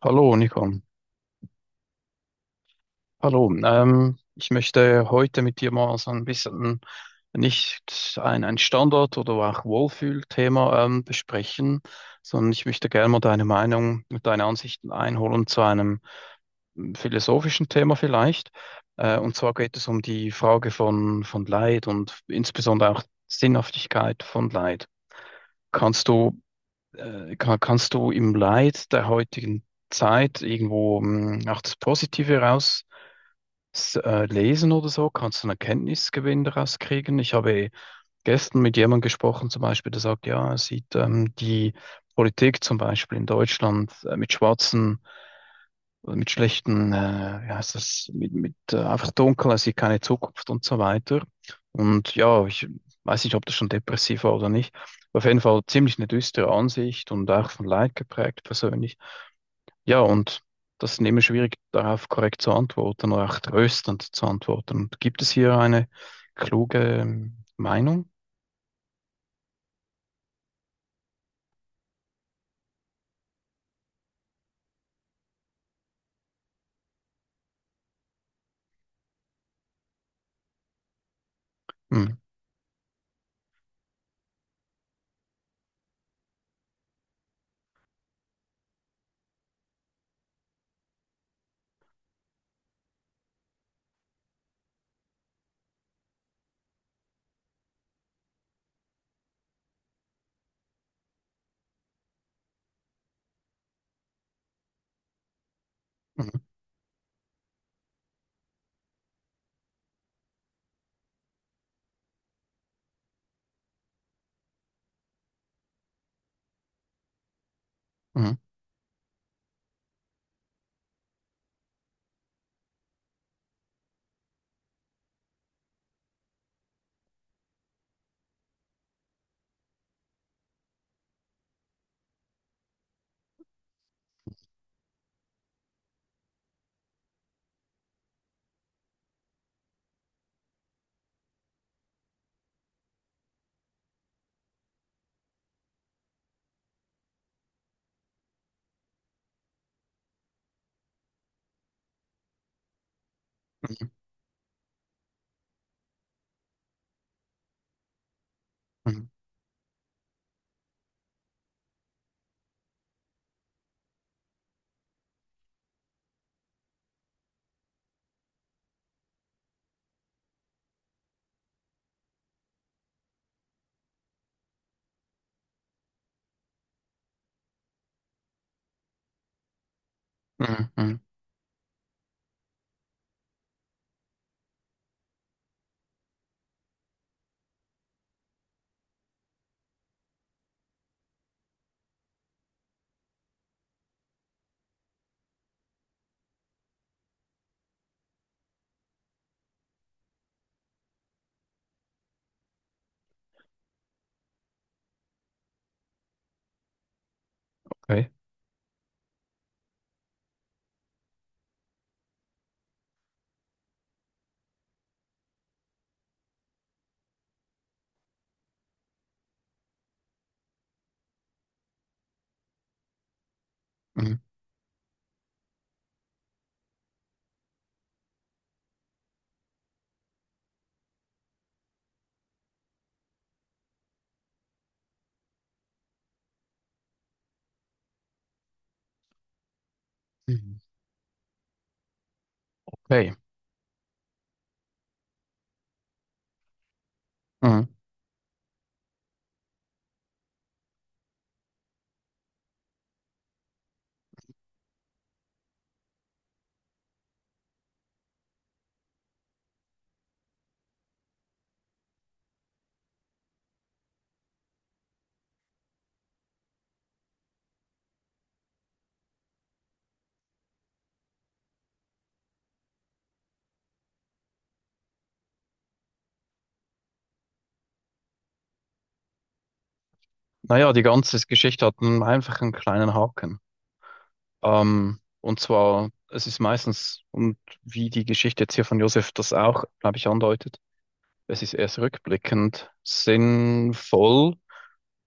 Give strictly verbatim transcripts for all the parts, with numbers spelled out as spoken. Hallo, Nico. Hallo. Ähm, ich möchte heute mit dir mal so ein bisschen nicht ein, ein Standard- oder auch Wohlfühlthema ähm, besprechen, sondern ich möchte gerne mal deine Meinung und deine Ansichten einholen zu einem mm, philosophischen Thema vielleicht. Äh, und zwar geht es um die Frage von, von Leid und insbesondere auch Sinnhaftigkeit von Leid. Kannst du, äh, kann, Kannst du im Leid der heutigen Zeit irgendwo mm, auch das Positive raus S- äh, Lesen oder so, kannst du einen Erkenntnisgewinn daraus kriegen? Ich habe gestern mit jemandem gesprochen, zum Beispiel, der sagt, ja, er sieht ähm, die Politik zum Beispiel in Deutschland äh, mit schwarzen, oder mit schlechten, äh, wie heißt das, mit, mit äh, einfach dunkel, er sieht keine Zukunft und so weiter. Und ja, ich weiß nicht, ob das schon depressiv war oder nicht. Auf jeden Fall ziemlich eine düstere Ansicht und auch von Leid geprägt persönlich. Ja, und das ist immer schwierig, darauf korrekt zu antworten oder auch tröstend zu antworten. Und gibt es hier eine kluge ähm, Meinung? Mhm. Mhm. Mhm. Mhm. Mhm. Mhm. Okay. Mhm. Mhm. Okay. Mhm. Naja, die ganze Geschichte hat einen einfachen kleinen Haken. Ähm, und zwar, es ist meistens, und wie die Geschichte jetzt hier von Josef das auch, glaube ich, andeutet, es ist erst rückblickend sinnvoll,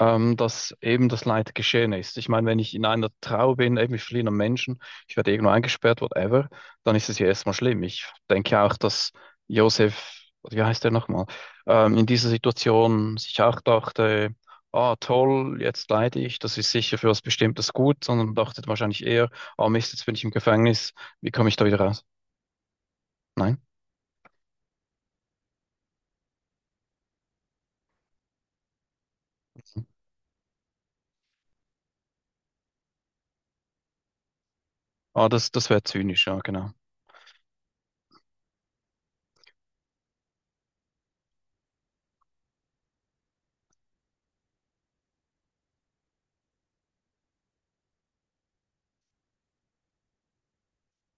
ähm, dass eben das Leid geschehen ist. Ich meine, wenn ich in einer Trauer bin, eben mit verschiedenen Menschen, ich werde irgendwo eingesperrt, whatever, dann ist es ja erstmal schlimm. Ich denke ja auch, dass Josef, wie heißt der nochmal, ähm, in dieser Situation sich auch dachte, ah, toll, jetzt leide ich, das ist sicher für was Bestimmtes gut, sondern dachte wahrscheinlich eher, ah, Mist, jetzt bin ich im Gefängnis, wie komme ich da wieder raus? Nein? Ah, das, das wäre zynisch, ja, genau.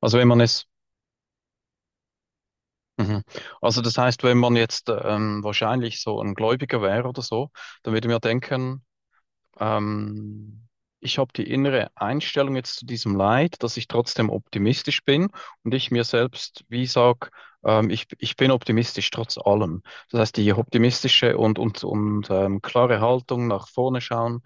Also wenn man es, mhm. Also das heißt, wenn man jetzt ähm, wahrscheinlich so ein Gläubiger wäre oder so, dann würde man ja denken, ähm, ich habe die innere Einstellung jetzt zu diesem Leid, dass ich trotzdem optimistisch bin und ich mir selbst, wie sag, ähm, ich, ich bin optimistisch trotz allem. Das heißt, die optimistische und, und, und ähm, klare Haltung nach vorne schauen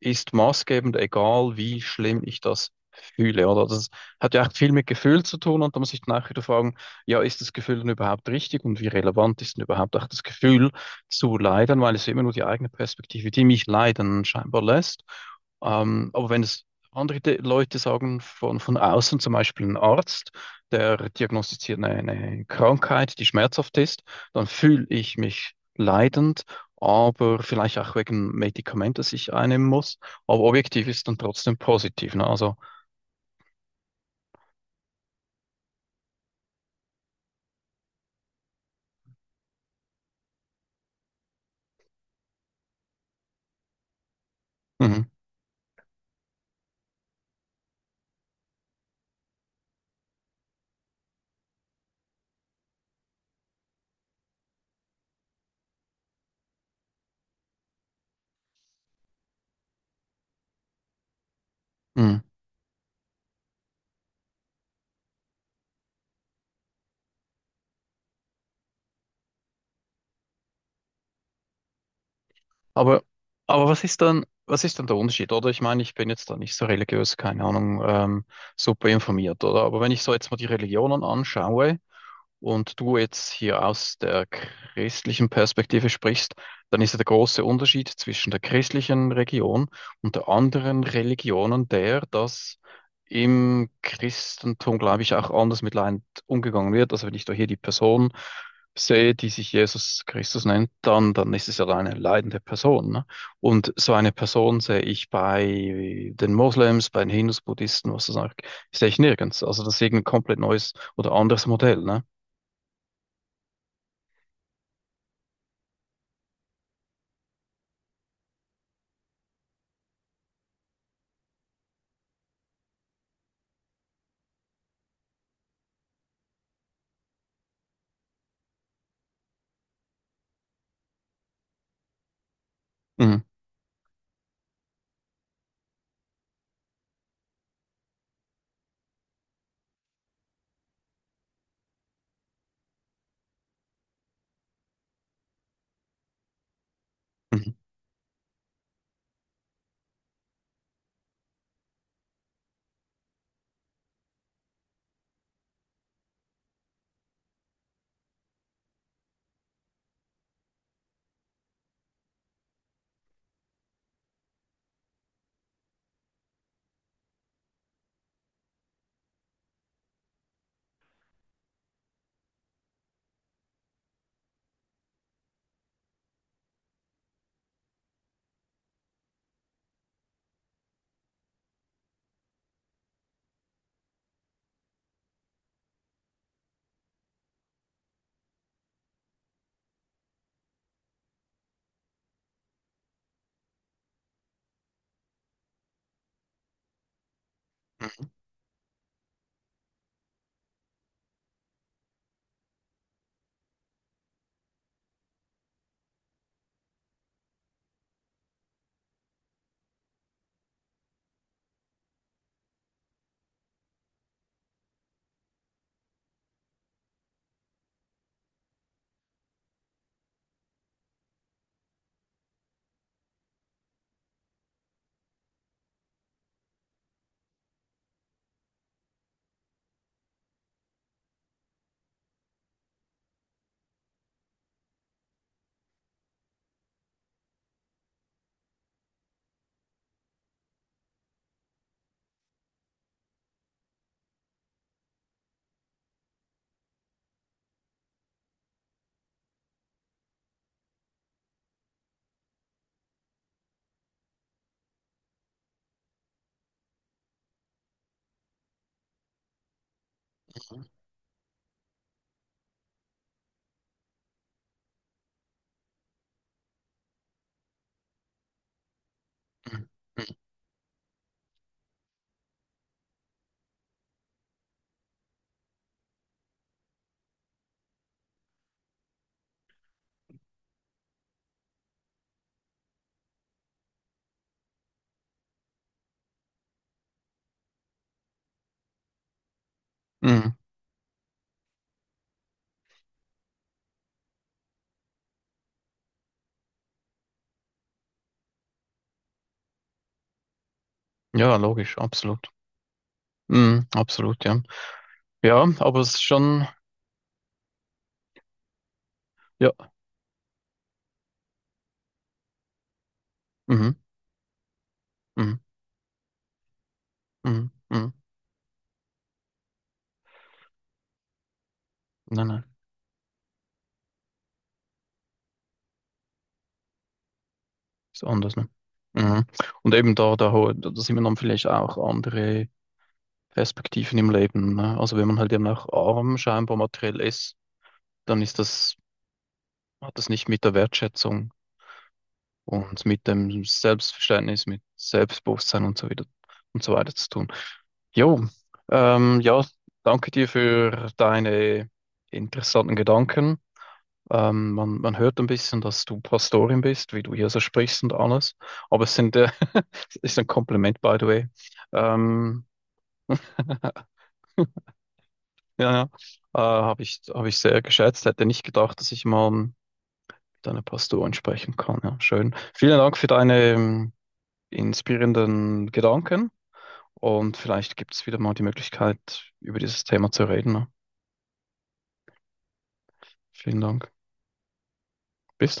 ist maßgebend, egal wie schlimm ich das fühle, oder? Das hat ja auch viel mit Gefühl zu tun und da muss ich dann auch wieder fragen, ja, ist das Gefühl denn überhaupt richtig und wie relevant ist denn überhaupt auch das Gefühl zu leiden, weil es immer nur die eigene Perspektive, die mich leiden, scheinbar lässt. Ähm, aber wenn es andere De- Leute sagen, von, von außen, zum Beispiel ein Arzt, der diagnostiziert eine, eine Krankheit, die schmerzhaft ist, dann fühle ich mich leidend, aber vielleicht auch wegen Medikament, das ich einnehmen muss. Aber objektiv ist dann trotzdem positiv. Ne? Also, mhm, mhm. Aber, aber was ist dann, was ist dann der Unterschied, oder? Ich meine, ich bin jetzt da nicht so religiös, keine Ahnung, ähm, super informiert, oder? Aber wenn ich so jetzt mal die Religionen anschaue, und du jetzt hier aus der christlichen Perspektive sprichst, dann ist ja der große Unterschied zwischen der christlichen Religion und der anderen Religionen der, dass im Christentum, glaube ich, auch anders mit Leid umgegangen wird. Also wenn ich da hier die Person sehe, die sich Jesus Christus nennt, dann, dann ist es ja eine leidende Person. Ne? Und so eine Person sehe ich bei den Moslems, bei den Hindus, Buddhisten, was das auch, sehe ich nirgends. Also das ist irgendein komplett neues oder anderes Modell. Ne? Mhm. Mhm. Mhm. Mhm. Mhm. Mhm. Ja, logisch, absolut. Mhm. Absolut, ja. Ja, aber es ist schon, ja. Mhm. Mhm. Mhm. Mhm. Nein, nein, ist anders, ne? Mhm. Und eben da, da, ho- da sieht man dann vielleicht auch andere Perspektiven im Leben, ne? Also wenn man halt eben auch arm scheinbar materiell ist, dann ist das, hat das nicht mit der Wertschätzung und mit dem Selbstverständnis, mit Selbstbewusstsein und so wieder und so weiter zu tun. Jo, ähm, ja, danke dir für deine interessanten Gedanken. Ähm, man, man hört ein bisschen, dass du Pastorin bist, wie du hier so sprichst und alles. Aber es sind, äh, es ist ein Kompliment, by the way. Ähm, ja, ja, äh, habe ich, habe ich sehr geschätzt. Hätte nicht gedacht, dass ich mal mit einer Pastorin sprechen kann. Ja, schön. Vielen Dank für deine, ähm, inspirierenden Gedanken, und vielleicht gibt es wieder mal die Möglichkeit, über dieses Thema zu reden. Ne? Vielen Dank. Bis dann.